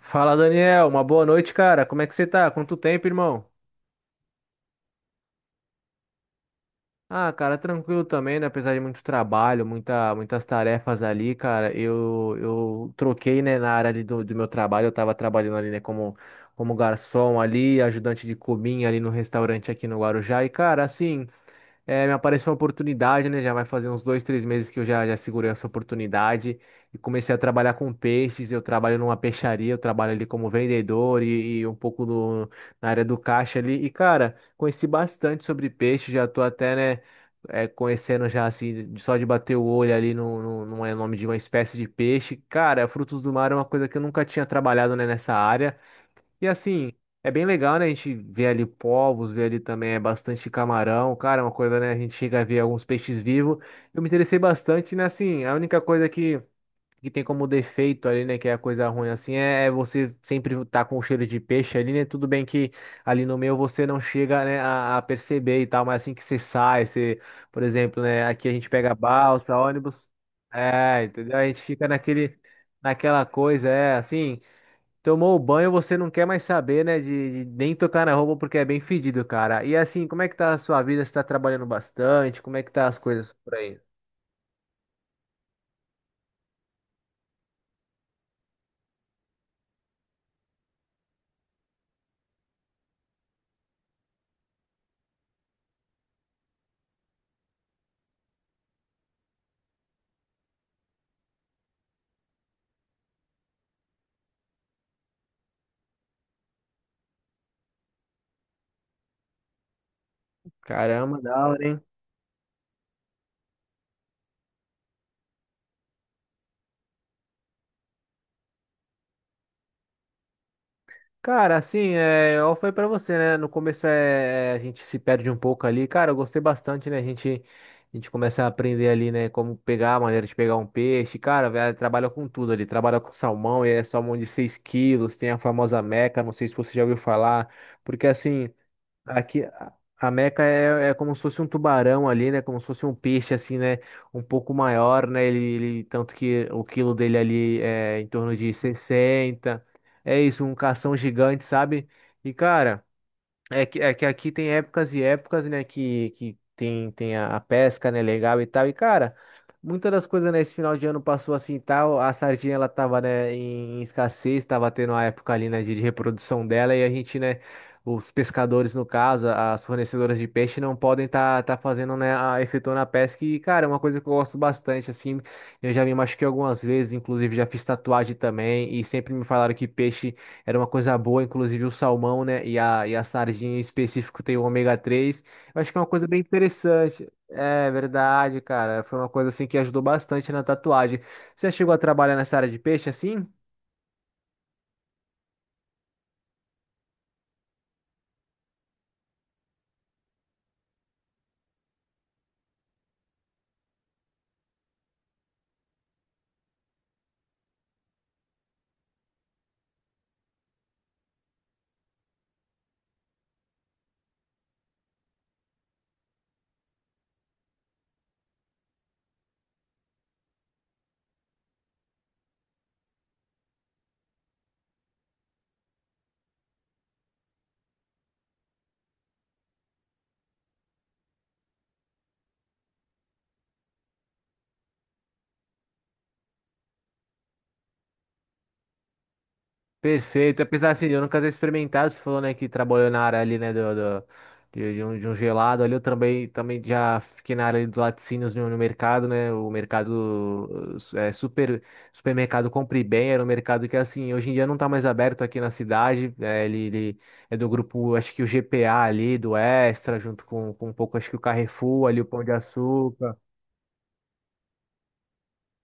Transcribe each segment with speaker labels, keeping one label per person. Speaker 1: Fala, Daniel. Uma boa noite, cara. Como é que você tá? Quanto tempo, irmão? Ah, cara, tranquilo também, né? Apesar de muito trabalho, muitas tarefas ali, cara. Eu troquei, né, na área ali do meu trabalho. Eu tava trabalhando ali, né, como garçom ali, ajudante de cozinha ali no restaurante aqui no Guarujá. E, cara, assim. É, me apareceu uma oportunidade, né? Já vai fazer uns dois, três meses que eu já segurei essa oportunidade e comecei a trabalhar com peixes. Eu trabalho numa peixaria, eu trabalho ali como vendedor e um pouco no, na área do caixa ali. E, cara, conheci bastante sobre peixe, já tô até, né, conhecendo já, assim, só de bater o olho ali no nome de uma espécie de peixe. Cara, frutos do mar é uma coisa que eu nunca tinha trabalhado, né, nessa área. E assim, é bem legal, né? A gente vê ali povos, vê ali também é bastante camarão, cara, é uma coisa, né? A gente chega a ver alguns peixes vivos. Eu me interessei bastante, né? Assim, a única coisa que tem como defeito ali, né? Que é a coisa ruim, assim, é você sempre tá com o cheiro de peixe ali, né? Tudo bem que ali no meio você não chega, né, a perceber e tal, mas assim que você sai, você, por exemplo, né? Aqui a gente pega balsa, ônibus, é, entendeu? A gente fica naquela coisa, é assim. Tomou o banho, você não quer mais saber, né? De nem tocar na roupa porque é bem fedido, cara. E assim, como é que tá a sua vida? Você tá trabalhando bastante? Como é que tá as coisas por aí? Caramba, da hora, hein? Cara, assim, é, eu falei pra você, né? No começo a gente se perde um pouco ali. Cara, eu gostei bastante, né? A gente começa a aprender ali, né? Como pegar, a maneira de pegar um peixe. Cara, velho, trabalha com tudo ali. Trabalha com salmão, e é salmão de 6 quilos. Tem a famosa Meca, não sei se você já ouviu falar. Porque assim. Aqui, a Meca é como se fosse um tubarão ali, né? Como se fosse um peixe, assim, né? Um pouco maior, né? Tanto que o quilo dele ali é em torno de 60. É isso, um cação gigante, sabe? E, cara. É que aqui tem épocas e épocas, né? Que tem, tem a pesca, né? Legal e tal. E, cara, muitas das coisas, né? Esse final de ano passou assim e tal. A sardinha, ela tava, né? Em escassez, tava tendo a época ali, né? De reprodução dela. E a gente, né? Os pescadores, no caso, as fornecedoras de peixe, não podem tá fazendo, né? Efetuando a pesca. E, cara, é uma coisa que eu gosto bastante, assim. Eu já me machuquei algumas vezes, inclusive já fiz tatuagem também. E sempre me falaram que peixe era uma coisa boa, inclusive o salmão, né? E a sardinha em específico tem o ômega 3. Eu acho que é uma coisa bem interessante. É verdade, cara. Foi uma coisa assim que ajudou bastante na tatuagem. Você chegou a trabalhar nessa área de peixe assim? Perfeito. Apesar assim, eu nunca ter experimentado, você falou, né, que trabalhou na área ali, né, de um gelado ali, eu também já fiquei na área ali dos laticínios no mercado, né, o mercado, supermercado Compre Bem, era um mercado que, assim, hoje em dia não tá mais aberto aqui na cidade, né, ele é do grupo, acho que o GPA ali, do Extra, junto com um pouco, acho que o Carrefour ali, o Pão de Açúcar,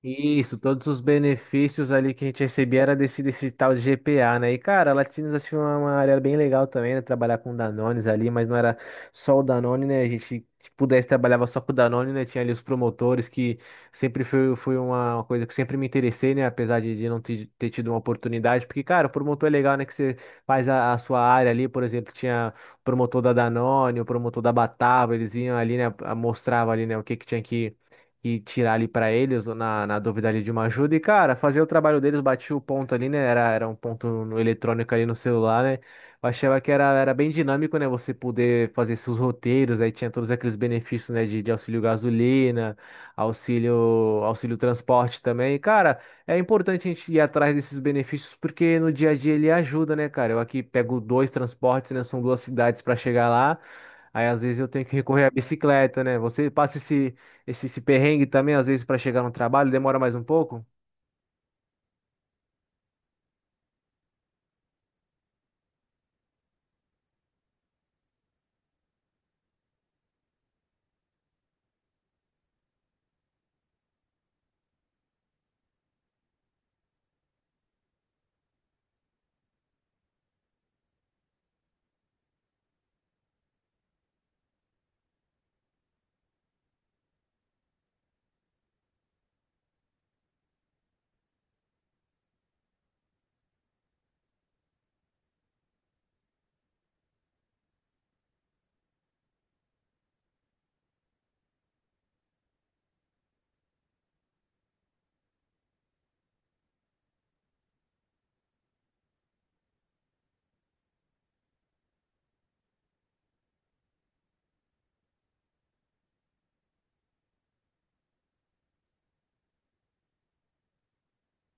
Speaker 1: isso, todos os benefícios ali que a gente recebia era desse tal de GPA, né? E, cara, Laticínios assim, foi uma área bem legal também, né? Trabalhar com Danones ali, mas não era só o Danone, né? A gente, se pudesse, trabalhava só com o Danone, né? Tinha ali os promotores, que sempre foi uma coisa que sempre me interessei, né? Apesar de não ter tido uma oportunidade, porque, cara, o promotor é legal, né? Que você faz a sua área ali, por exemplo, tinha o promotor da Danone, o promotor da Batava, eles vinham ali, né? Mostrava ali, né? O que que tinha que e tirar ali pra eles na dúvida ali de uma ajuda. E, cara, fazer o trabalho deles, bati o ponto ali, né? Era um ponto no eletrônico ali no celular, né? Eu achava que era bem dinâmico, né? Você poder fazer seus roteiros, aí tinha todos aqueles benefícios, né? De auxílio gasolina, auxílio, auxílio transporte também. E, cara, é importante a gente ir atrás desses benefícios porque no dia a dia ele ajuda, né, cara? Eu aqui pego dois transportes, né? São duas cidades para chegar lá. Aí às vezes eu tenho que recorrer à bicicleta, né? Você passa esse perrengue também, às vezes, para chegar no trabalho, demora mais um pouco?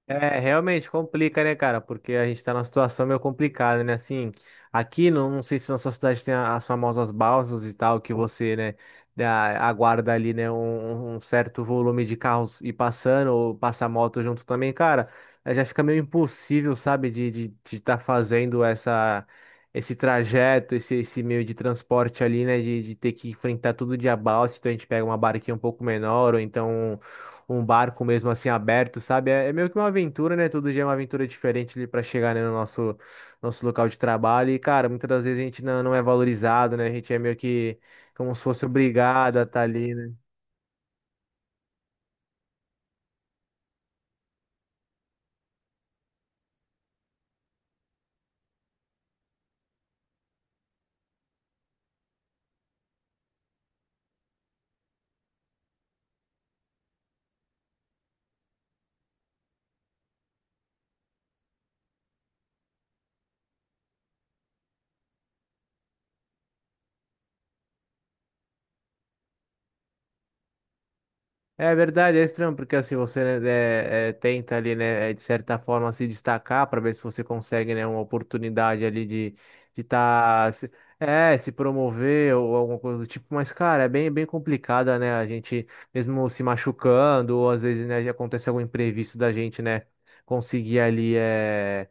Speaker 1: É, realmente complica, né, cara? Porque a gente tá numa situação meio complicada, né? Assim, aqui, não, não sei se na sua cidade tem as famosas balsas e tal, que você, né, aguarda ali, né, um certo volume de carros ir passando, ou passar moto junto também, cara. Já fica meio impossível, sabe, estar fazendo esse trajeto, esse meio de transporte ali, né, de ter que enfrentar todo dia balsa, então a gente pega uma barquinha um pouco menor, ou então um barco mesmo assim aberto, sabe? É meio que uma aventura, né? Todo dia é uma aventura diferente ali para chegar, né, no nosso local de trabalho. E, cara, muitas das vezes a gente não é valorizado, né? A gente é meio que como se fosse obrigado a estar ali. É verdade, é estranho, porque assim você né, tenta ali, né, de certa forma se destacar para ver se você consegue, né, uma oportunidade ali de se promover ou alguma coisa do tipo, mas cara, é bem bem complicada, né? A gente mesmo se machucando, ou às vezes, né, já acontece algum imprevisto da gente, né, conseguir ali é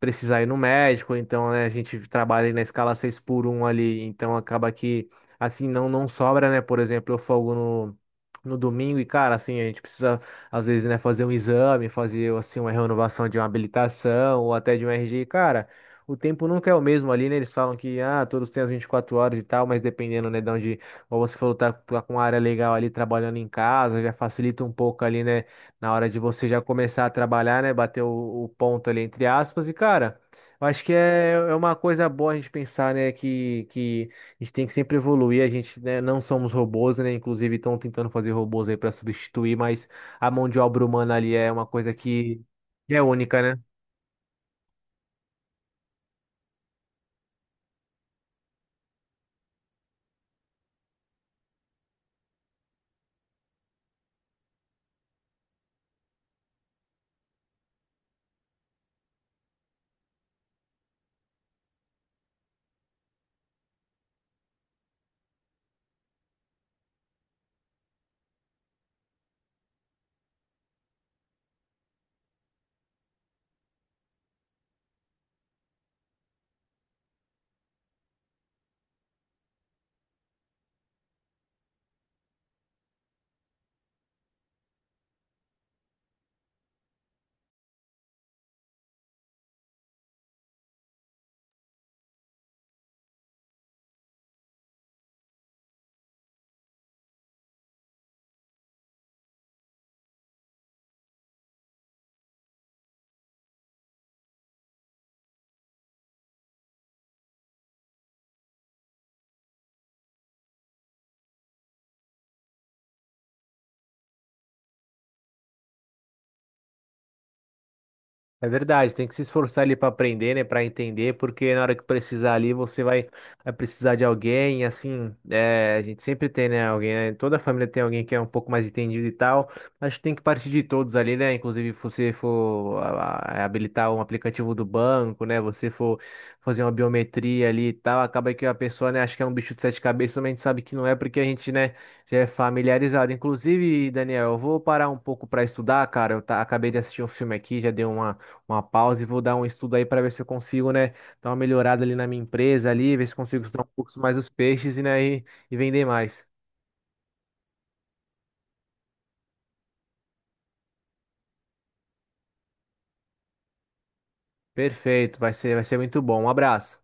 Speaker 1: precisar ir no médico, então, né, a gente trabalha ali na escala 6x1 ali, então acaba que assim não sobra, né? Por exemplo, eu folgo no domingo e, cara, assim, a gente precisa, às vezes, né, fazer um exame, fazer, assim, uma renovação de uma habilitação ou até de um RG. Cara, o tempo nunca é o mesmo ali, né? Eles falam que, ah, todos têm as 24 horas e tal, mas dependendo, né, de onde, como você falou, tá, tá com uma área legal ali trabalhando em casa, já facilita um pouco ali, né, na hora de você já começar a trabalhar, né, bater o ponto ali, entre aspas, e, cara. Eu acho que é uma coisa boa a gente pensar, né, que a gente tem que sempre evoluir, a gente, né, não somos robôs, né? Inclusive estão tentando fazer robôs aí para substituir, mas a mão de obra humana ali é uma coisa que é única, né? É verdade, tem que se esforçar ali para aprender, né, para entender, porque na hora que precisar ali você vai precisar de alguém, assim, a gente sempre tem, né, alguém, né, toda família tem alguém que é um pouco mais entendido e tal, acho que tem que partir de todos ali, né, inclusive se você for habilitar um aplicativo do banco, né, você for fazer uma biometria ali e tal, acaba que a pessoa, né, acha que é um bicho de sete cabeças, mas a gente sabe que não é, porque a gente, né, já é familiarizado. Inclusive, Daniel, eu vou parar um pouco para estudar, cara, acabei de assistir um filme aqui, já deu uma pausa e vou dar um estudo aí para ver se eu consigo, né, dar uma melhorada ali na minha empresa ali, ver se consigo estudar um pouco mais os peixes e, né, e vender mais. Perfeito, vai ser muito bom. Um abraço.